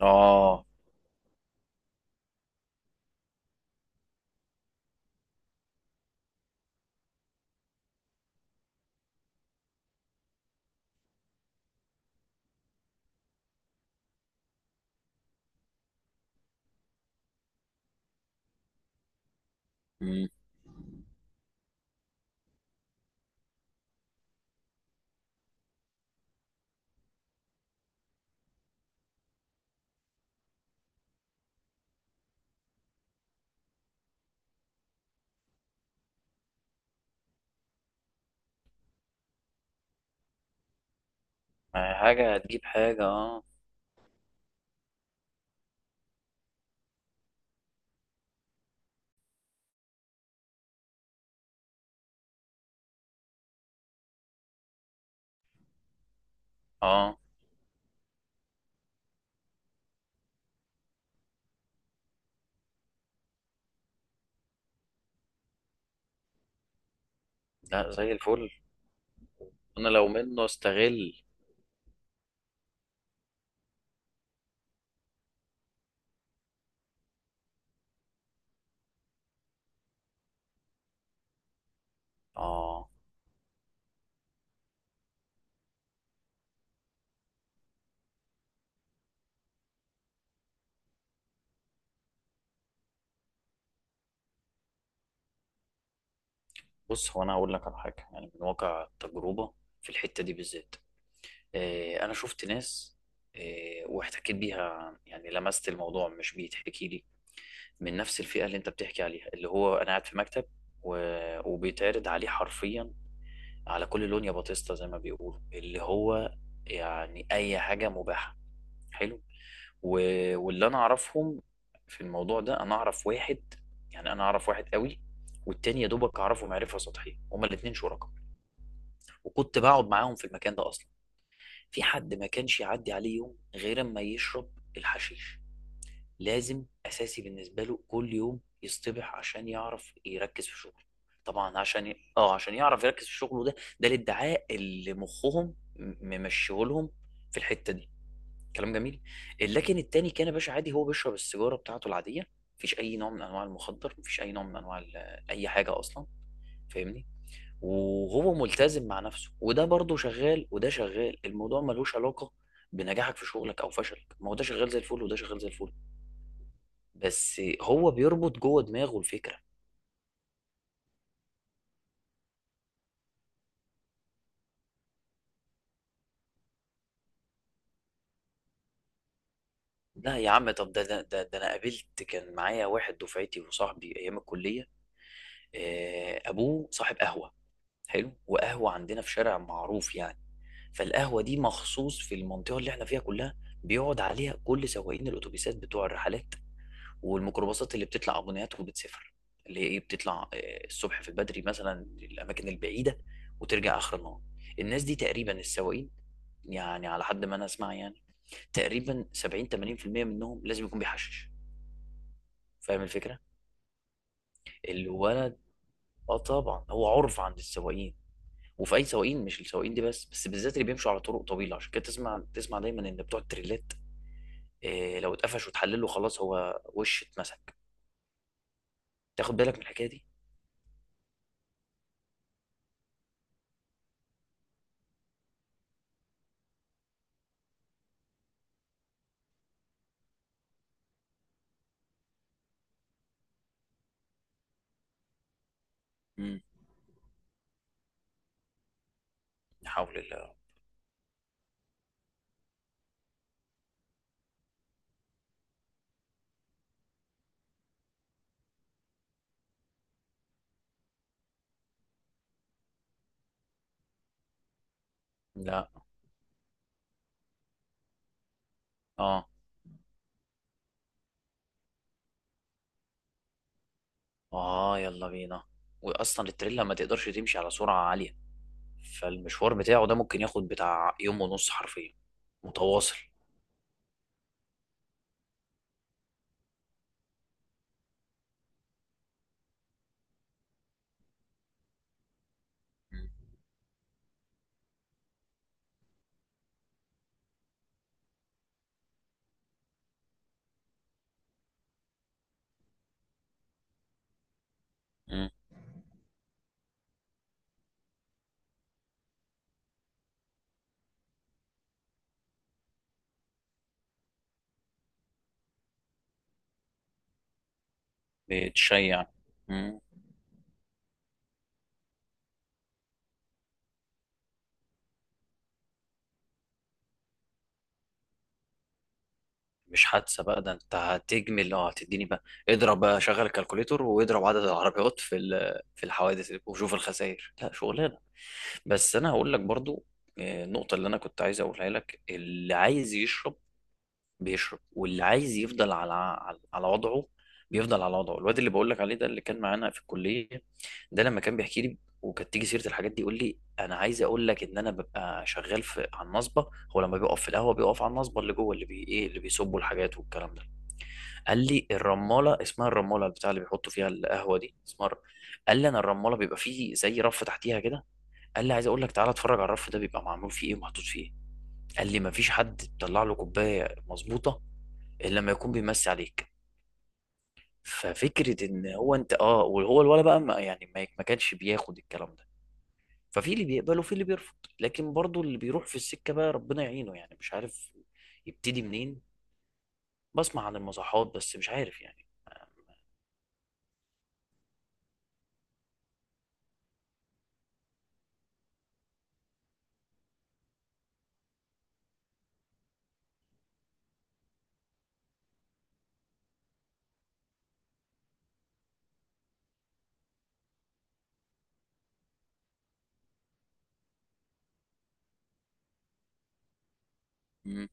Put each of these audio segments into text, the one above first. اه. مم. ما حاجة هتجيب حاجة، اه اه. لا، زي الفل. انا لو منه استغل. اه. بص، هو انا هقول لك على حاجة يعني من واقع التجربة في الحتة دي بالذات. انا شفت ناس، واحتكيت بيها، يعني لمست الموضوع، مش بيتحكي لي، من نفس الفئة اللي انت بتحكي عليها، اللي هو انا قاعد في مكتب و... وبيتعرض عليه حرفيا على كل لون يا باتيستا، زي ما بيقولوا، اللي هو يعني اي حاجة مباحة. حلو. و- واللي انا اعرفهم في الموضوع ده، انا اعرف واحد، يعني انا اعرف واحد قوي، والتاني يا دوبك اعرفه معرفه سطحيه. هما الاتنين شركاء، وكنت بقعد معاهم في المكان ده اصلا. في حد ما كانش يعدي عليه يوم غير اما يشرب الحشيش، لازم اساسي بالنسبه له كل يوم يصطبح عشان يعرف يركز في شغله. طبعا عشان ي... اه عشان يعرف يركز في شغله، ده ده الادعاء اللي مخهم ممشيهولهم في الحته دي. كلام جميل. لكن التاني كان يا باشا عادي، هو بيشرب السيجاره بتاعته العاديه، مفيش اي نوع من انواع المخدر، مفيش اي نوع من انواع اي حاجه اصلا. فاهمني؟ وهو ملتزم مع نفسه، وده برضه شغال وده شغال. الموضوع ملوش علاقه بنجاحك في شغلك او فشلك، ما هو ده شغال زي الفل وده شغال زي الفل. بس هو بيربط جوه دماغه الفكره. لا يا عم. طب ده انا قابلت، كان معايا واحد دفعتي وصاحبي ايام الكليه، آه، ابوه صاحب قهوه. حلو. وقهوه عندنا في شارع معروف يعني، فالقهوة دي مخصوص في المنطقة اللي احنا فيها كلها، بيقعد عليها كل سواقين الأتوبيسات بتوع الرحلات والميكروباصات اللي بتطلع أبونات وبتسافر، اللي هي إيه، بتطلع آه، الصبح في البدري مثلا، الأماكن البعيدة، وترجع آخر النهار. الناس دي تقريبا، السواقين، يعني على حد ما أنا أسمع يعني، تقريبا 70 80% منهم لازم يكون بيحشش. فاهم الفكرة؟ الولد، اه طبعا هو عرف عند السواقين. وفي اي سواقين، مش السواقين دي بس بالذات اللي بيمشوا على طرق طويله، عشان كده تسمع دايما ان بتوع التريلات، إيه، لو اتقفش وتحلله خلاص هو وش اتمسك. تاخد بالك من الحكايه دي. مم. لا حول الله. لا. اه. اه يلا بينا. واصلا التريلا ما تقدرش تمشي على سرعه عاليه، فالمشوار بتاعه ده ممكن ياخد بتاع يوم ونص حرفيا، متواصل. مم. مم. بتشيع. مش حادثه بقى ده، انت هتجمل، اه هتديني بقى. اضرب بقى، شغل الكالكوليتور واضرب عدد العربيات في الحوادث وشوف الخسائر، لا شغلانه. بس انا هقول لك برضو، آه، النقطه اللي انا كنت عايز اقولها لك، اللي عايز يشرب بيشرب، واللي عايز يفضل على وضعه بيفضل على وضعه. الواد اللي بقول لك عليه ده، اللي كان معانا في الكليه، ده لما كان بيحكي لي وكانت تيجي سيره الحاجات دي، يقول لي انا عايز اقول لك ان انا ببقى شغال في على النصبه. هو لما بيقف في القهوه، بيقف على النصبه اللي جوه، اللي بي ايه، اللي بيصبوا الحاجات والكلام ده. قال لي الرماله، اسمها الرماله البتاع اللي بيحطوا فيها القهوه دي، اسمها قال لي انا الرماله بيبقى فيه زي رف تحتيها كده. قال لي عايز اقول لك تعالى اتفرج على الرف ده بيبقى معمول فيه ايه ومحطوط فيه ايه. قال لي مفيش حد بيطلع له كوبايه مظبوطه الا لما يكون بيمسي عليك. ففكره ان هو انت، اه، وهو الولا بقى ما يعني ما كانش بياخد الكلام ده. ففي اللي بيقبل وفي اللي بيرفض، لكن برضو اللي بيروح في السكه بقى ربنا يعينه، يعني مش عارف يبتدي منين. بسمع عن المصحات بس مش عارف يعني. مم.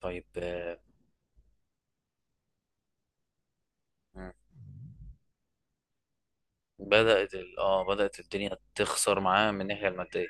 طيب، آه، مم. بدأت ال... اه بدأت الدنيا تخسر معاه من الناحية المادية.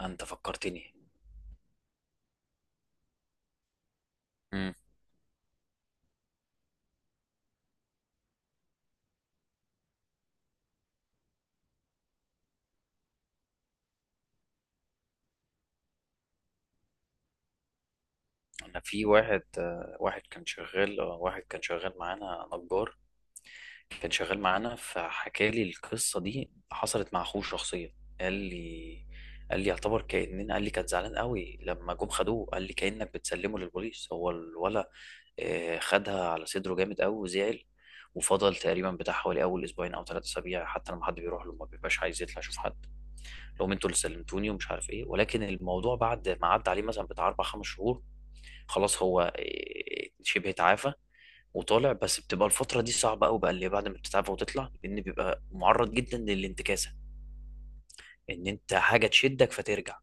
انت فكرتني. امم، انا في واحد، آه، واحد كان شغال، آه، واحد كان شغال معانا نجار، كان شغال معانا، فحكى لي القصة دي، حصلت مع اخوه شخصيا. قال لي قال لي يعتبر كأننا، قال لي كان زعلان قوي لما جم خدوه، قال لي كأنك بتسلمه للبوليس. هو الولا آه، خدها على صدره جامد قوي وزعل، وفضل تقريبا بتاع حوالي اول اسبوعين او ثلاث اسابيع حتى لما حد بيروح له ما بيبقاش عايز يطلع يشوف حد، لهم انتوا اللي سلمتوني ومش عارف ايه. ولكن الموضوع بعد ما عدى عليه مثلا بتاع اربع خمس شهور، خلاص هو إيه، شبه اتعافى وطالع. بس بتبقى الفتره دي صعبه قوي بقى، اللي بعد ما بتتعافى وتطلع، لان بيبقى معرض جدا للانتكاسه، ان انت حاجه تشدك فترجع.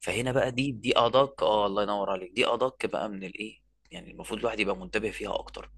فهنا بقى، دي ادق، اه، الله ينور عليك، دي ادق بقى من الايه، يعني المفروض الواحد يبقى منتبه فيها اكتر.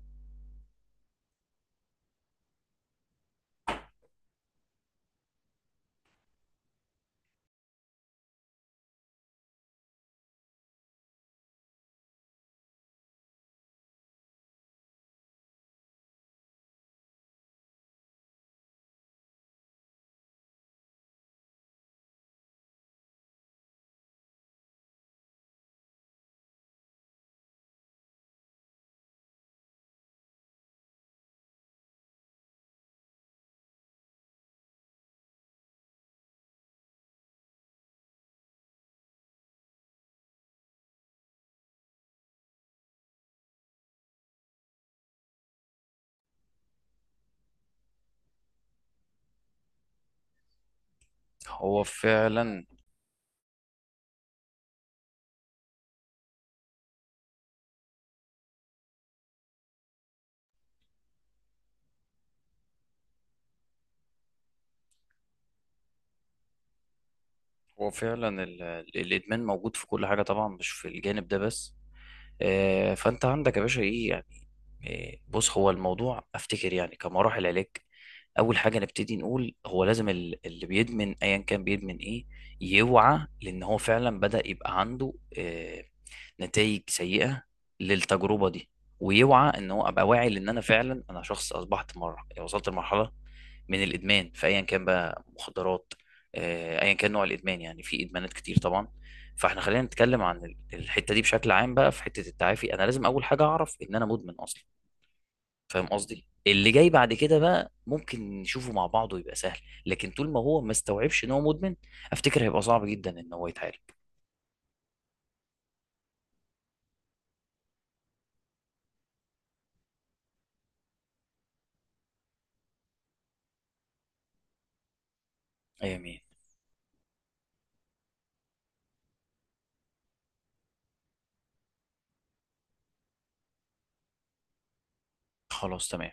هو فعلا. هو فعلا الادمان موجود في كل حاجه طبعا، مش في الجانب ده بس. آه، فانت عندك يا باشا ايه، إيه، بص هو الموضوع افتكر يعني كمراحل علاج، اول حاجه نبتدي نقول هو لازم اللي بيدمن، ايا كان بيدمن ايه، يوعى، لان هو فعلا بدا يبقى عنده نتائج سيئه للتجربه دي، ويوعى ان هو ابقى واعي، لان انا فعلا انا شخص اصبحت مره، وصلت لمرحله من الادمان، فايا كان بقى مخدرات، آه، ايا كان نوع الادمان، يعني في ادمانات كتير طبعا، فاحنا خلينا نتكلم عن الحته دي بشكل عام بقى. في حته التعافي انا لازم اول حاجه اعرف ان انا مدمن اصلا. فاهم قصدي؟ اللي جاي بعد كده بقى ممكن نشوفه مع بعض ويبقى سهل، لكن طول ما هو ما استوعبش ان هو مدمن، افتكر هيبقى صعب جدا ان هو يتعالج. امين. خلاص تمام.